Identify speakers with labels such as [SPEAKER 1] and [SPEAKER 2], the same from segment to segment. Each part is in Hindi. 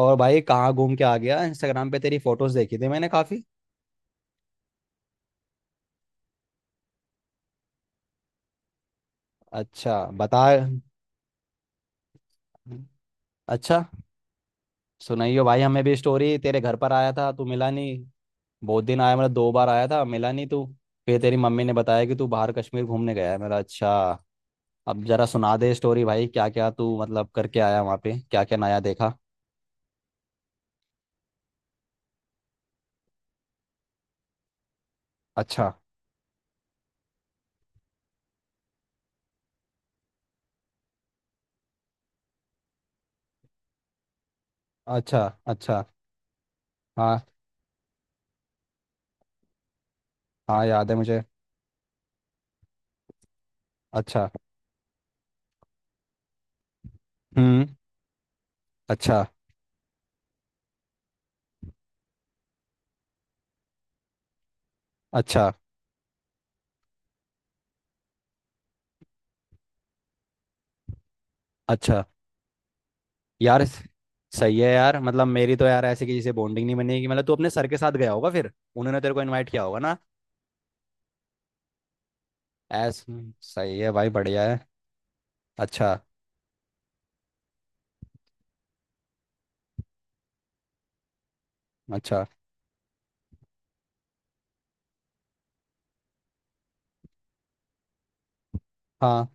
[SPEAKER 1] और भाई कहाँ घूम के आ गया। इंस्टाग्राम पे तेरी फोटोज देखी थी मैंने काफी। अच्छा। बता। अच्छा। सुनाइयो भाई हमें भी स्टोरी, तेरे घर पर आया था तू मिला नहीं। बहुत दिन आया, मतलब दो बार आया था, मिला नहीं तू। फिर तेरी मम्मी ने बताया कि तू बाहर कश्मीर घूमने गया है मेरा। अच्छा। अब जरा सुना दे स्टोरी भाई, क्या क्या तू मतलब करके आया वहाँ पे, क्या क्या नया देखा। अच्छा अच्छा। अच्छा। हाँ। हाँ, याद है मुझे। अच्छा। हम्म। अच्छा। अच्छा। अच्छा। यार। सही है यार, मतलब मेरी तो यार ऐसे किसी से बॉन्डिंग नहीं बनेगी। मतलब तू अपने सर के साथ गया होगा, फिर उन्होंने तेरे को इनवाइट किया होगा ना। ऐस सही है भाई, बढ़िया है। अच्छा। अच्छा। हाँ।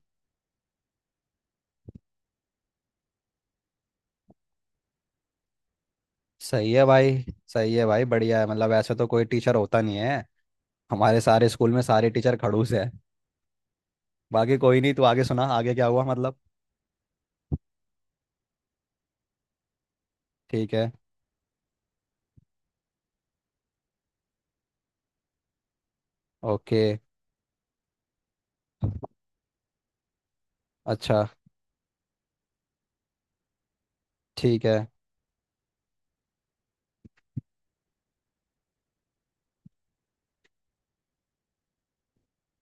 [SPEAKER 1] सही है भाई। सही है भाई, बढ़िया है। मतलब ऐसे तो कोई टीचर होता नहीं है। हमारे सारे स्कूल में सारे टीचर खड़ूस है। बाकी कोई नहीं। तू आगे सुना, आगे क्या हुआ मतलब। ठीक है। ओके। अच्छा। ठीक है।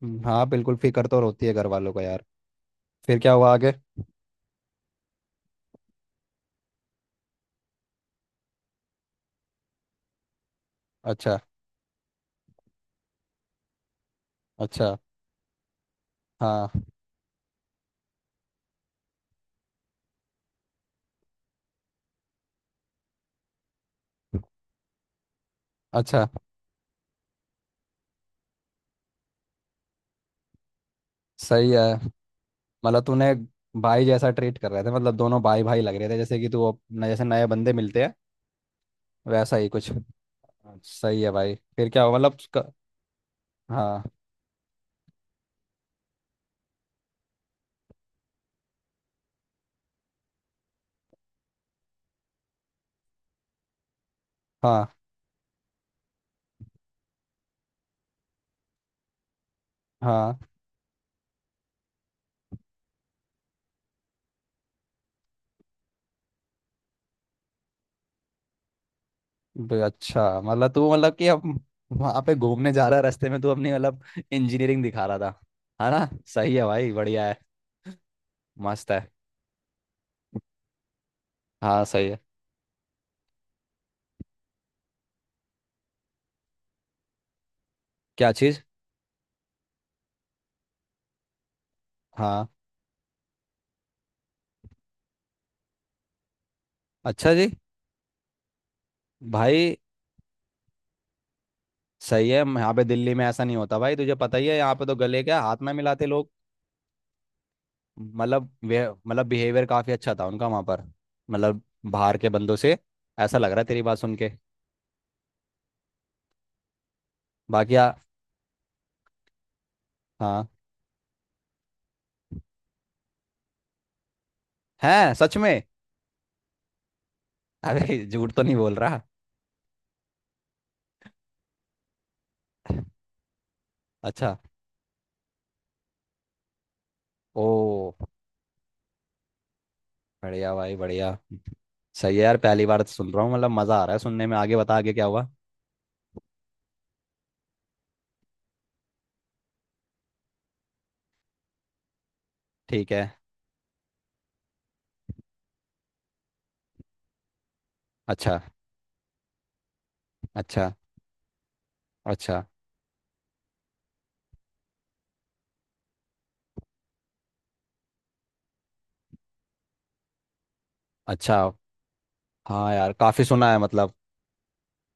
[SPEAKER 1] हाँ बिल्कुल, फिक्र तो होती है घर वालों को यार। फिर क्या हुआ आगे। अच्छा। अच्छा। हाँ। अच्छा। सही है। मतलब तूने। भाई जैसा ट्रीट कर रहे थे, मतलब दोनों भाई भाई लग रहे थे, जैसे कि तू जैसे नए बंदे मिलते हैं। वैसा ही कुछ। सही है भाई, फिर क्या हुआ मतलब उसका- हाँ, हाँ, हाँ। अच्छा, मतलब तू मतलब कि अब वहाँ पे घूमने जा रहा है, रास्ते में तू अपनी मतलब इंजीनियरिंग दिखा रहा था, है ना। सही है भाई, बढ़िया है। मस्त है। हाँ। सही है। क्या चीज़। हाँ। अच्छा जी। भाई। सही है, यहाँ पे दिल्ली में ऐसा नहीं होता भाई, तुझे पता ही है, यहाँ पे तो गले क्या, हाथ ना मिलाते लोग। मतलब वे मतलब बिहेवियर काफ़ी अच्छा था उनका वहाँ पर। मतलब बाहर के बंदों से ऐसा लग रहा है तेरी बात सुन के। बाकी हाँ। हैं, सच में। अरे झूठ तो नहीं बोल रहा। अच्छा। ओ। बढ़िया भाई, बढ़िया। सही है यार, पहली बार तो सुन रहा हूँ, मतलब मज़ा आ रहा है सुनने में। आगे बता, आगे क्या हुआ। ठीक है। अच्छा। अच्छा। अच्छा। अच्छा। हाँ यार, काफ़ी सुना है मतलब।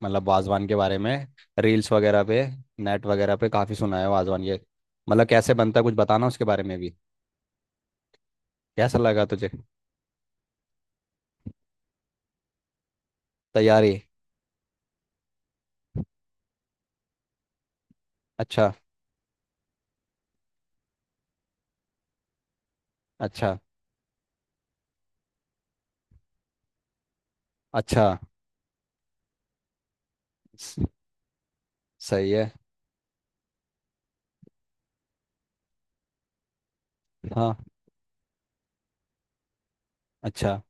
[SPEAKER 1] मतलब वाजवान के बारे में। रील्स वगैरह पे। नेट वगैरह पे काफ़ी सुना है, वाजवान ये। मतलब कैसे बनता है, कुछ बताना उसके बारे में भी। कैसा लगा तुझे। तैयारी। अच्छा। अच्छा। अच्छा। स- सही है। हाँ। अच्छा।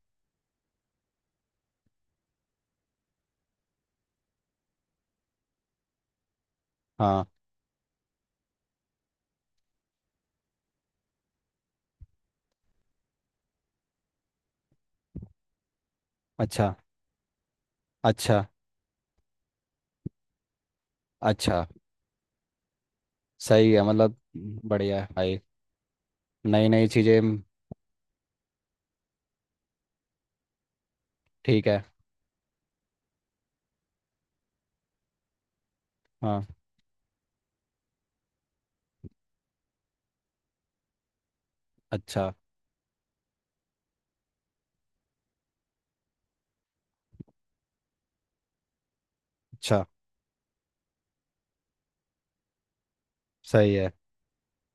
[SPEAKER 1] हाँ। अच्छा। अच्छा। अच्छा। सही है मतलब। बढ़िया है भाई। नई नई चीज़ें। ठीक है। हाँ। अच्छा। अच्छा। सही है,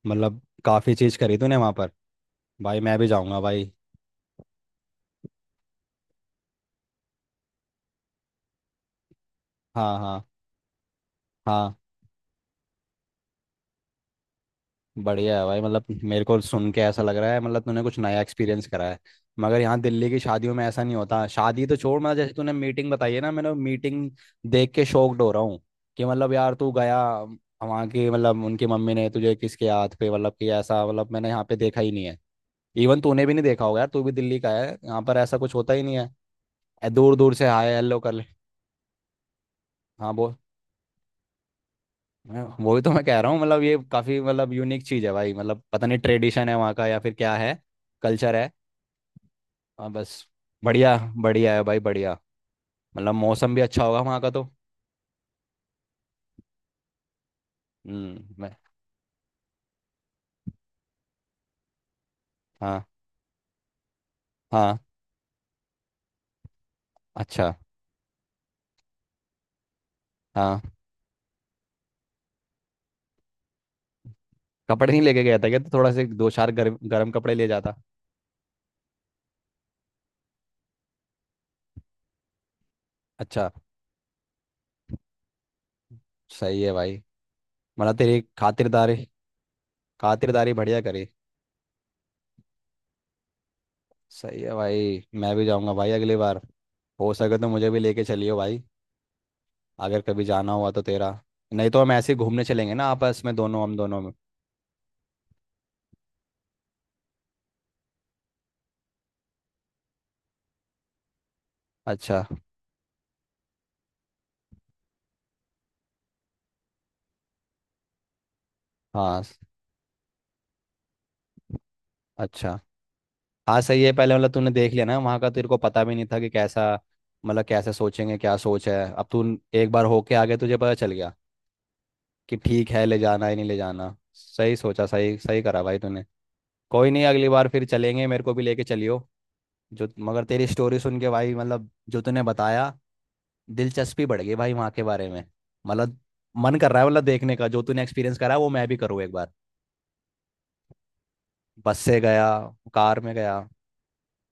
[SPEAKER 1] मतलब काफ़ी चीज़ करी तूने वहाँ पर। भाई मैं भी जाऊँगा भाई। हाँ, हाँ, हाँ। बढ़िया है भाई, मतलब मेरे को सुन के ऐसा लग रहा है, मतलब तूने कुछ नया एक्सपीरियंस करा है। मगर यहाँ दिल्ली की शादियों में ऐसा नहीं होता, शादी तो छोड़, मतलब जैसे तूने मीटिंग बताई है ना, मैंने मीटिंग देख के शॉक्ड हो रहा हूँ। कि मतलब यार तू गया, वहाँ की मतलब उनकी मम्मी ने तुझे किसके हाथ पे, मतलब कि ऐसा मतलब मैंने यहाँ पे देखा ही नहीं है। इवन तूने भी नहीं देखा होगा यार, तू भी दिल्ली का है, यहाँ पर ऐसा कुछ होता ही नहीं है। दूर दूर से हाय हेलो कर ले। हाँ बोल। मैं वही तो मैं कह रहा हूँ मतलब, ये काफी मतलब यूनिक चीज है भाई, मतलब पता नहीं ट्रेडिशन है वहाँ का या फिर क्या है, कल्चर है। हाँ बस। बढ़िया। बढ़िया है भाई, बढ़िया। मतलब मौसम भी अच्छा होगा वहाँ का तो। हम्म। मैं। हाँ। हाँ। अच्छा। हाँ। कपड़े नहीं लेके गया था क्या? तो थोड़ा से दो चार गर्म गर्म कपड़े ले जाता। अच्छा। सही है भाई। मतलब तेरी खातिरदारी। खातिरदारी बढ़िया करी। सही है भाई, मैं भी जाऊँगा भाई अगली बार। हो सके तो मुझे भी लेके चलियो भाई, अगर कभी जाना हुआ तो तेरा। नहीं तो हम ऐसे ही घूमने चलेंगे ना, आपस में दोनों, हम दोनों में। अच्छा। हाँ। अच्छा। हाँ सही है, पहले मतलब तूने देख लिया ना वहाँ का, तेरे को पता भी नहीं था कि कैसा, मतलब कैसे सोचेंगे, क्या सोच है अब तू। एक बार होके आ गया, तुझे पता चल गया कि ठीक है, ले जाना है नहीं ले जाना। सही सोचा, सही सही करा भाई तूने। कोई नहीं, अगली बार फिर चलेंगे, मेरे को भी लेके चलियो। जो, मगर तेरी स्टोरी सुन के भाई, मतलब जो तूने बताया, दिलचस्पी बढ़ गई भाई वहाँ के बारे में। मतलब मन कर रहा है, मतलब देखने का, जो तूने एक्सपीरियंस करा वो मैं भी करूँ एक बार। बस से गया, कार में गया।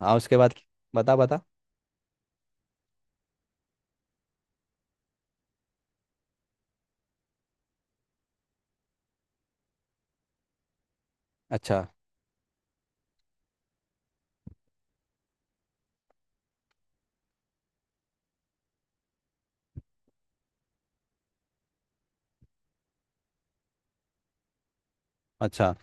[SPEAKER 1] हाँ, उसके बाद। बता बता। अच्छा। अच्छा।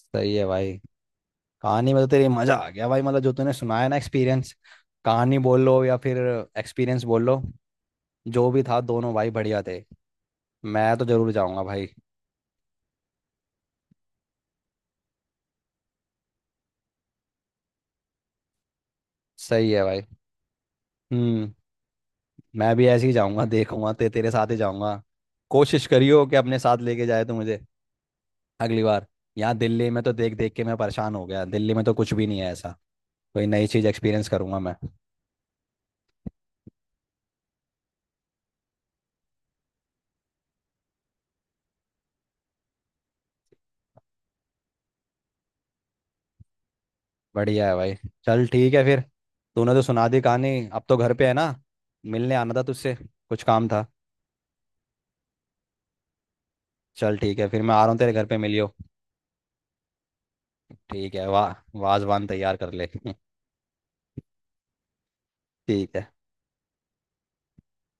[SPEAKER 1] सही है भाई, कहानी में तो तेरी मजा आ गया भाई, मतलब जो तूने सुनाया ना एक्सपीरियंस। कहानी बोल लो या फिर एक्सपीरियंस बोल लो, जो भी था, दोनों भाई बढ़िया थे। मैं तो जरूर जाऊंगा भाई। सही है भाई। हम्म। मैं भी ऐसे ही जाऊंगा, देखूंगा, तेरे साथ ही जाऊंगा। कोशिश करियो कि अपने साथ लेके जाए तो मुझे अगली बार। यहाँ दिल्ली में तो देख देख के मैं परेशान हो गया, दिल्ली में तो कुछ भी नहीं है ऐसा। कोई नई चीज़ एक्सपीरियंस करूंगा मैं। बढ़िया है भाई। चल ठीक है फिर। तूने तो सुना दी कहानी। अब तो घर पे है ना, मिलने आना था तुझसे, कुछ काम था। चल ठीक है फिर, मैं आ रहा हूँ तेरे घर पे, मिलियो। ठीक है, वाह। वाजवान तैयार कर ले। ठीक है।